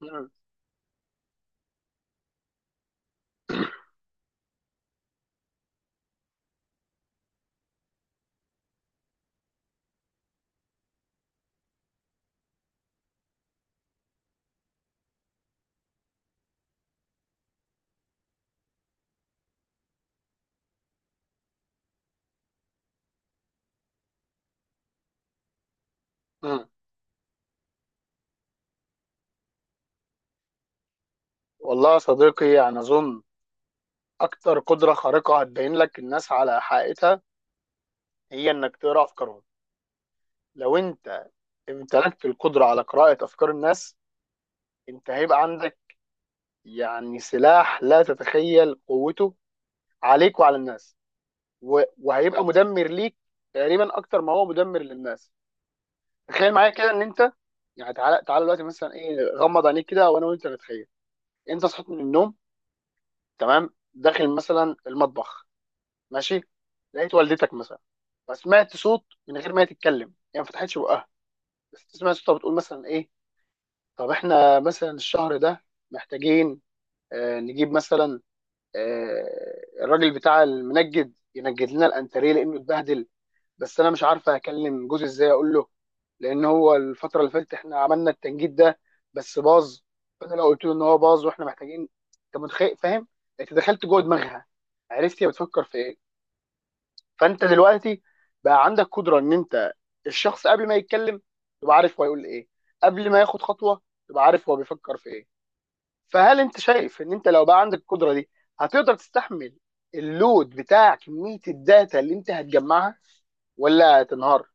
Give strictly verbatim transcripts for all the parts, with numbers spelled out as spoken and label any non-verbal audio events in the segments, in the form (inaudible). مم. مم. والله يا صديقي، يعني أظن أكتر قدرة خارقة هتبين لك الناس على حقيقتها هي إنك تقرأ أفكارهم. لو أنت امتلكت القدرة على قراءة أفكار الناس، أنت هيبقى عندك يعني سلاح لا تتخيل قوته عليك وعلى الناس. و- وهيبقى مدمر ليك تقريبا أكتر ما هو مدمر للناس. تخيل معايا كده إن أنت يعني تعالى تعالى دلوقتي مثلا إيه غمض عينيك كده، وأنا وأنت نتخيل. أنت صحيت من النوم، تمام، داخل مثلا المطبخ، ماشي، لقيت والدتك مثلا، فسمعت صوت من غير ما هي تتكلم، هي ما فتحتش بقها، بس تسمع صوتها بتقول مثلا ايه: طب احنا مثلا الشهر ده محتاجين، آه نجيب مثلا، آه الراجل بتاع المنجد ينجد لنا الانتريه لانه اتبهدل، بس انا مش عارفه اكلم جوزي ازاي اقول له، لان هو الفتره اللي فاتت احنا عملنا التنجيد ده بس باظ، فانا لو قلت له ان هو باظ واحنا محتاجين. انت متخيل؟ فاهم؟ انت دخلت جوه دماغها، عرفت هي بتفكر في ايه. فانت دلوقتي بقى عندك قدره ان انت الشخص قبل ما يتكلم تبقى عارف هو هيقول ايه، قبل ما ياخد خطوه تبقى عارف هو بيفكر في ايه. فهل انت شايف ان انت لو بقى عندك القدره دي هتقدر تستحمل اللود بتاع كميه الداتا اللي انت هتجمعها ولا هتنهار؟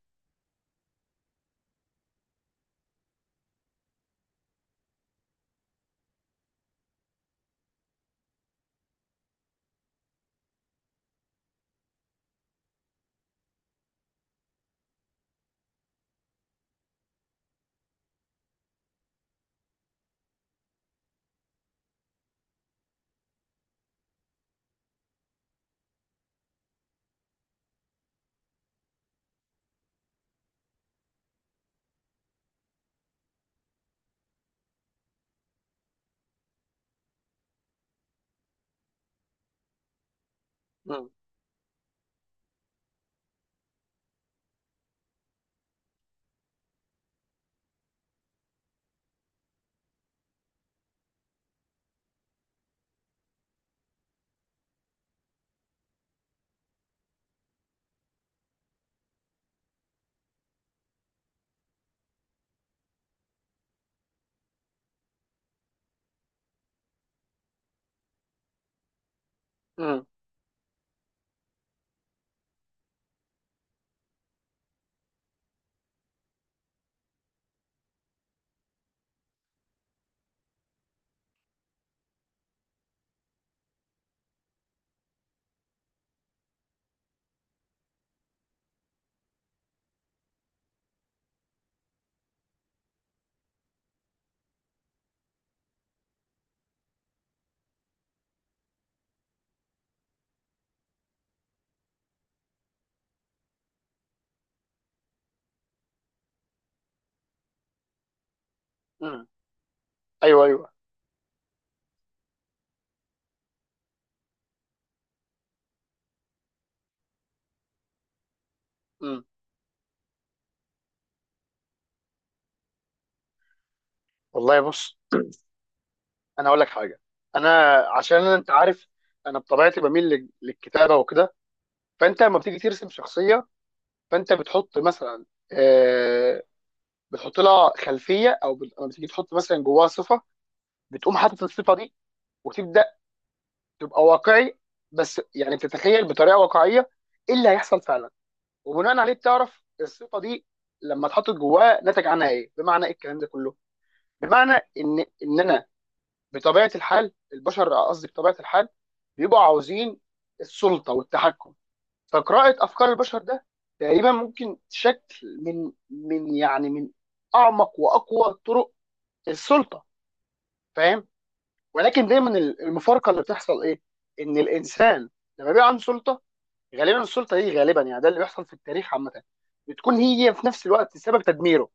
مم. مم. مم. ايوه، ايوه. مم. والله، بص، (clears throat) انا اقول لك حاجه. انا عشان انت عارف، انا بطبيعتي بميل لل- للكتابه وكده. فانت لما بتيجي ترسم شخصيه، فانت بتحط مثلا، آه، بتحط لها خلفيه، او بت- لما بتيجي تحط مثلا جواها صفه، بتقوم حاطط الصفه دي وتبدا تبقى واقعي، بس يعني بتتخيل بطريقه واقعيه ايه اللي هيحصل فعلا، وبناء عليه بتعرف الصفه دي لما اتحطت جواها نتج عنها ايه، بمعنى ايه الكلام ده كله؟ بمعنى ان ان انا بطبيعه الحال البشر، قصدي بطبيعه الحال بيبقوا عاوزين السلطه والتحكم. فقراءة أفكار البشر ده تقريبا ممكن شكل من من يعني من أعمق وأقوى طرق السلطة، فاهم؟ ولكن دايما المفارقة اللي بتحصل إيه؟ إن الإنسان لما بيبقى عنده سلطة، غالبا السلطة دي غالبا يعني ده اللي بيحصل في التاريخ عامة، بتكون هي في نفس الوقت سبب تدميره.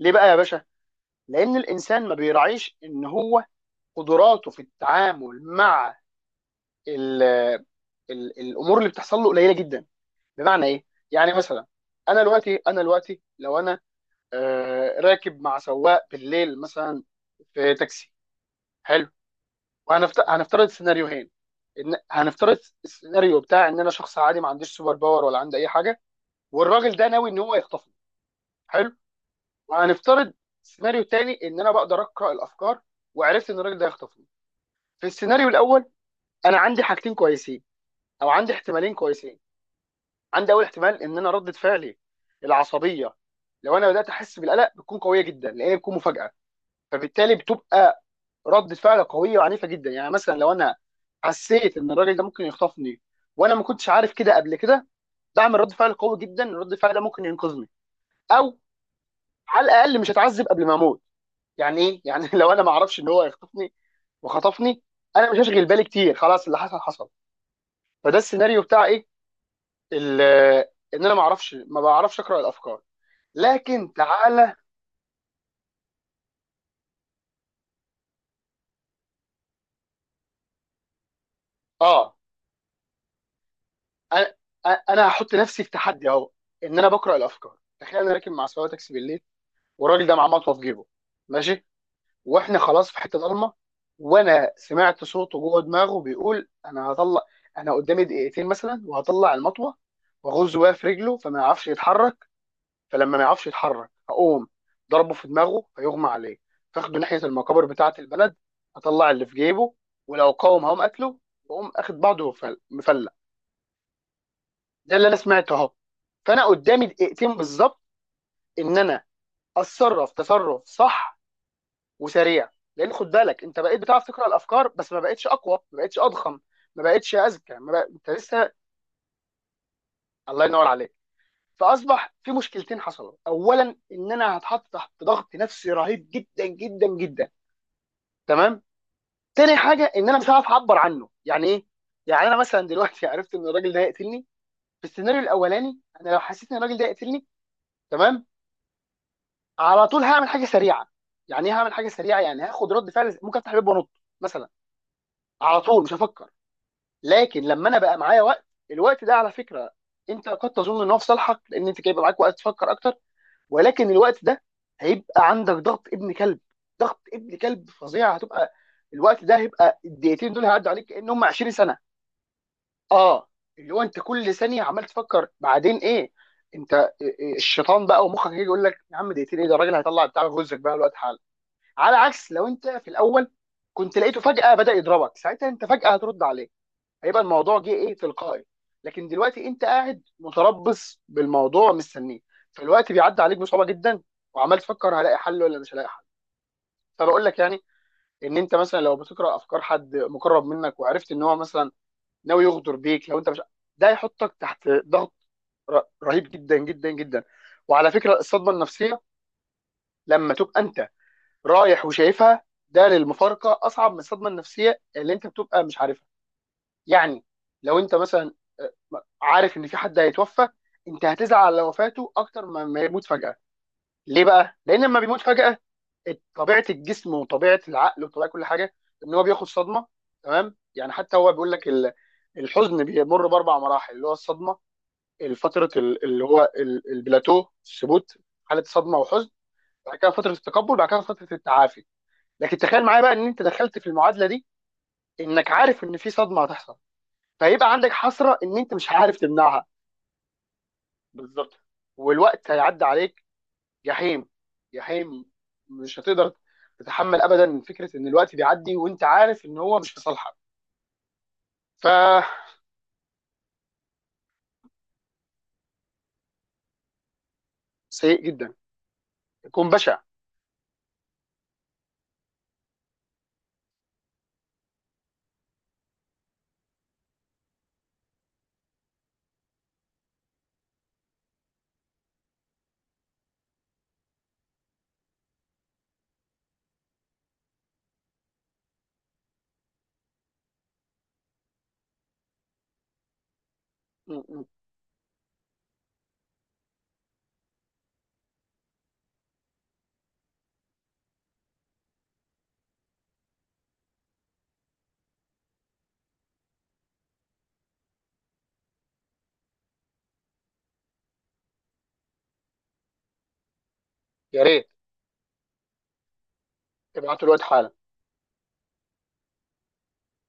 ليه بقى يا باشا؟ لأن الإنسان ما بيراعيش إن هو قدراته في التعامل مع ال ال الأمور اللي بتحصل له قليلة جدا. بمعنى ايه؟ يعني مثلا، انا دلوقتي انا دلوقتي لو انا آه، راكب مع سواق بالليل مثلا في تاكسي، حلو. وهنفترض هنفترض سيناريوهين. ان هنفترض السيناريو بتاع ان انا شخص عادي ما عنديش سوبر باور ولا عندي اي حاجه، والراجل ده ناوي ان هو يخطفني، حلو. وهنفترض السيناريو الثاني ان انا بقدر اقرا الافكار وعرفت ان الراجل ده هيخطفني. في السيناريو الاول انا عندي حاجتين كويسين، او عندي احتمالين كويسين. عندي اول احتمال ان انا رده فعلي العصبيه، لو انا بدات احس بالقلق بتكون قويه جدا لان بتكون مفاجاه، فبالتالي بتبقى رده فعل قويه وعنيفه جدا. يعني مثلا لو انا حسيت ان الراجل ده ممكن يخطفني وانا ما كنتش عارف كده قبل كده، بعمل رد فعل قوي جدا، رد فعل ده ممكن ينقذني او على الاقل مش هتعذب قبل ما اموت. يعني ايه؟ يعني (laughs) لو انا ما اعرفش ان هو هيخطفني وخطفني انا مش هشغل بالي كتير، خلاص اللي حصل حصل. فده السيناريو بتاع ايه؟ ال- ان انا ما اعرفش ما بعرفش اقرا الافكار. لكن تعالى. اه انا أنا هحط نفسي في تحدي اهو ان انا بقرا الافكار. تخيل انا راكب مع سواق تاكسي بالليل، والراجل ده معاه مطوه في جيبه، ماشي، واحنا خلاص في حته ضلمه، وانا سمعت صوته جوه دماغه بيقول: انا هطلع، انا قدامي دقيقتين مثلا وهطلع المطوه واغز بيها في رجله فما يعرفش يتحرك، فلما ما يعرفش يتحرك هقوم ضربه في دماغه فيغمى عليه، فاخده ناحيه المقابر بتاعه البلد، اطلع اللي في جيبه ولو قاوم هقوم قتله واقوم اخد بعضه ومفلق. ده اللي انا سمعته اهو. فانا قدامي دقيقتين بالظبط ان انا اتصرف تصرف صح وسريع. لان خد بالك انت بقيت بتعرف تقرا الافكار بس ما بقتش اقوى، ما بقتش اضخم، ما بقتش اذكى، ما بق... انت لسه. الله ينور عليك. فاصبح في مشكلتين حصلوا، اولا ان انا هتحط تحت ضغط نفسي رهيب جدا جدا جدا، تمام. تاني حاجه ان انا مش هعرف اعبر عنه. يعني ايه؟ يعني انا مثلا دلوقتي (laughs) عرفت ان الراجل ده هيقتلني. في السيناريو الاولاني انا لو حسيت ان الراجل ده هيقتلني، تمام، على طول هعمل حاجه سريعه. يعني ايه هعمل حاجه سريعه؟ يعني هاخد رد فعل، ممكن افتح الباب وانط مثلا، على طول مش هفكر. لكن لما انا بقى معايا وقت، الوقت ده على فكره انت قد تظن ان هو في صالحك لان انت هيبقى معاك وقت تفكر اكتر، ولكن الوقت ده هيبقى عندك ضغط ابن كلب، ضغط ابن كلب فظيع هتبقى، الوقت ده هيبقى الدقيقتين دول هيعدوا عليك كانهم عشرين سنه. اه اللي هو انت كل ثانيه عمال تفكر بعدين ايه. انت آه، آه، الشيطان بقى، ومخك هيجي يقول لك: يا عم دقيقتين ايه ده، الراجل هيطلع بتاع غزك بقى الوقت. على عكس لو انت في الاول كنت لقيته فجاه بدا يضربك، ساعتها انت فجاه هترد عليه، هيبقى الموضوع جه ايه تلقائي. لكن دلوقتي انت قاعد متربص بالموضوع مستنيه، فالوقت بيعدي عليك بصعوبه جدا، وعمال تفكر هلاقي حل ولا مش هلاقي حل. فبقول لك يعني ان انت مثلا لو بتقرا افكار حد مقرب منك وعرفت ان هو مثلا ناوي يغدر بيك، لو انت مش، ده هيحطك تحت ضغط ر- رهيب جدا جدا جدا. وعلى فكره الصدمه النفسيه لما تبقى انت رايح وشايفها، ده للمفارقه اصعب من الصدمه النفسيه اللي انت بتبقى مش عارفها. يعني لو انت مثلا، آه، عارف ان في حد هيتوفى، انت هتزعل على وفاته اكتر ما ما يموت فجاه. ليه بقى؟ لان لما بيموت فجاه طبيعه الجسم وطبيعه العقل وطبيعه كل حاجه ان هو بياخد صدمه، تمام. يعني حتى هو بيقول لك ال- الحزن بيمر باربع مراحل اللي هو الصدمه، فتره اللي هو ال- البلاتو الثبوت، حاله صدمه وحزن، بعد كده فتره التقبل، بعد كده فتره التعافي. لكن تخيل معايا بقى ان انت دخلت في المعادله دي انك عارف ان في صدمه هتحصل، فيبقى عندك حسره ان انت مش عارف تمنعها. بالظبط، والوقت هيعدي عليك جحيم، جحيم، مش هتقدر تتحمل ابدا فكره ان الوقت بيعدي وانت عارف ان هو مش في صالحك. ف سيء جدا، يكون بشع. م- م. يا ريت. ابعتوا الوقت حالا.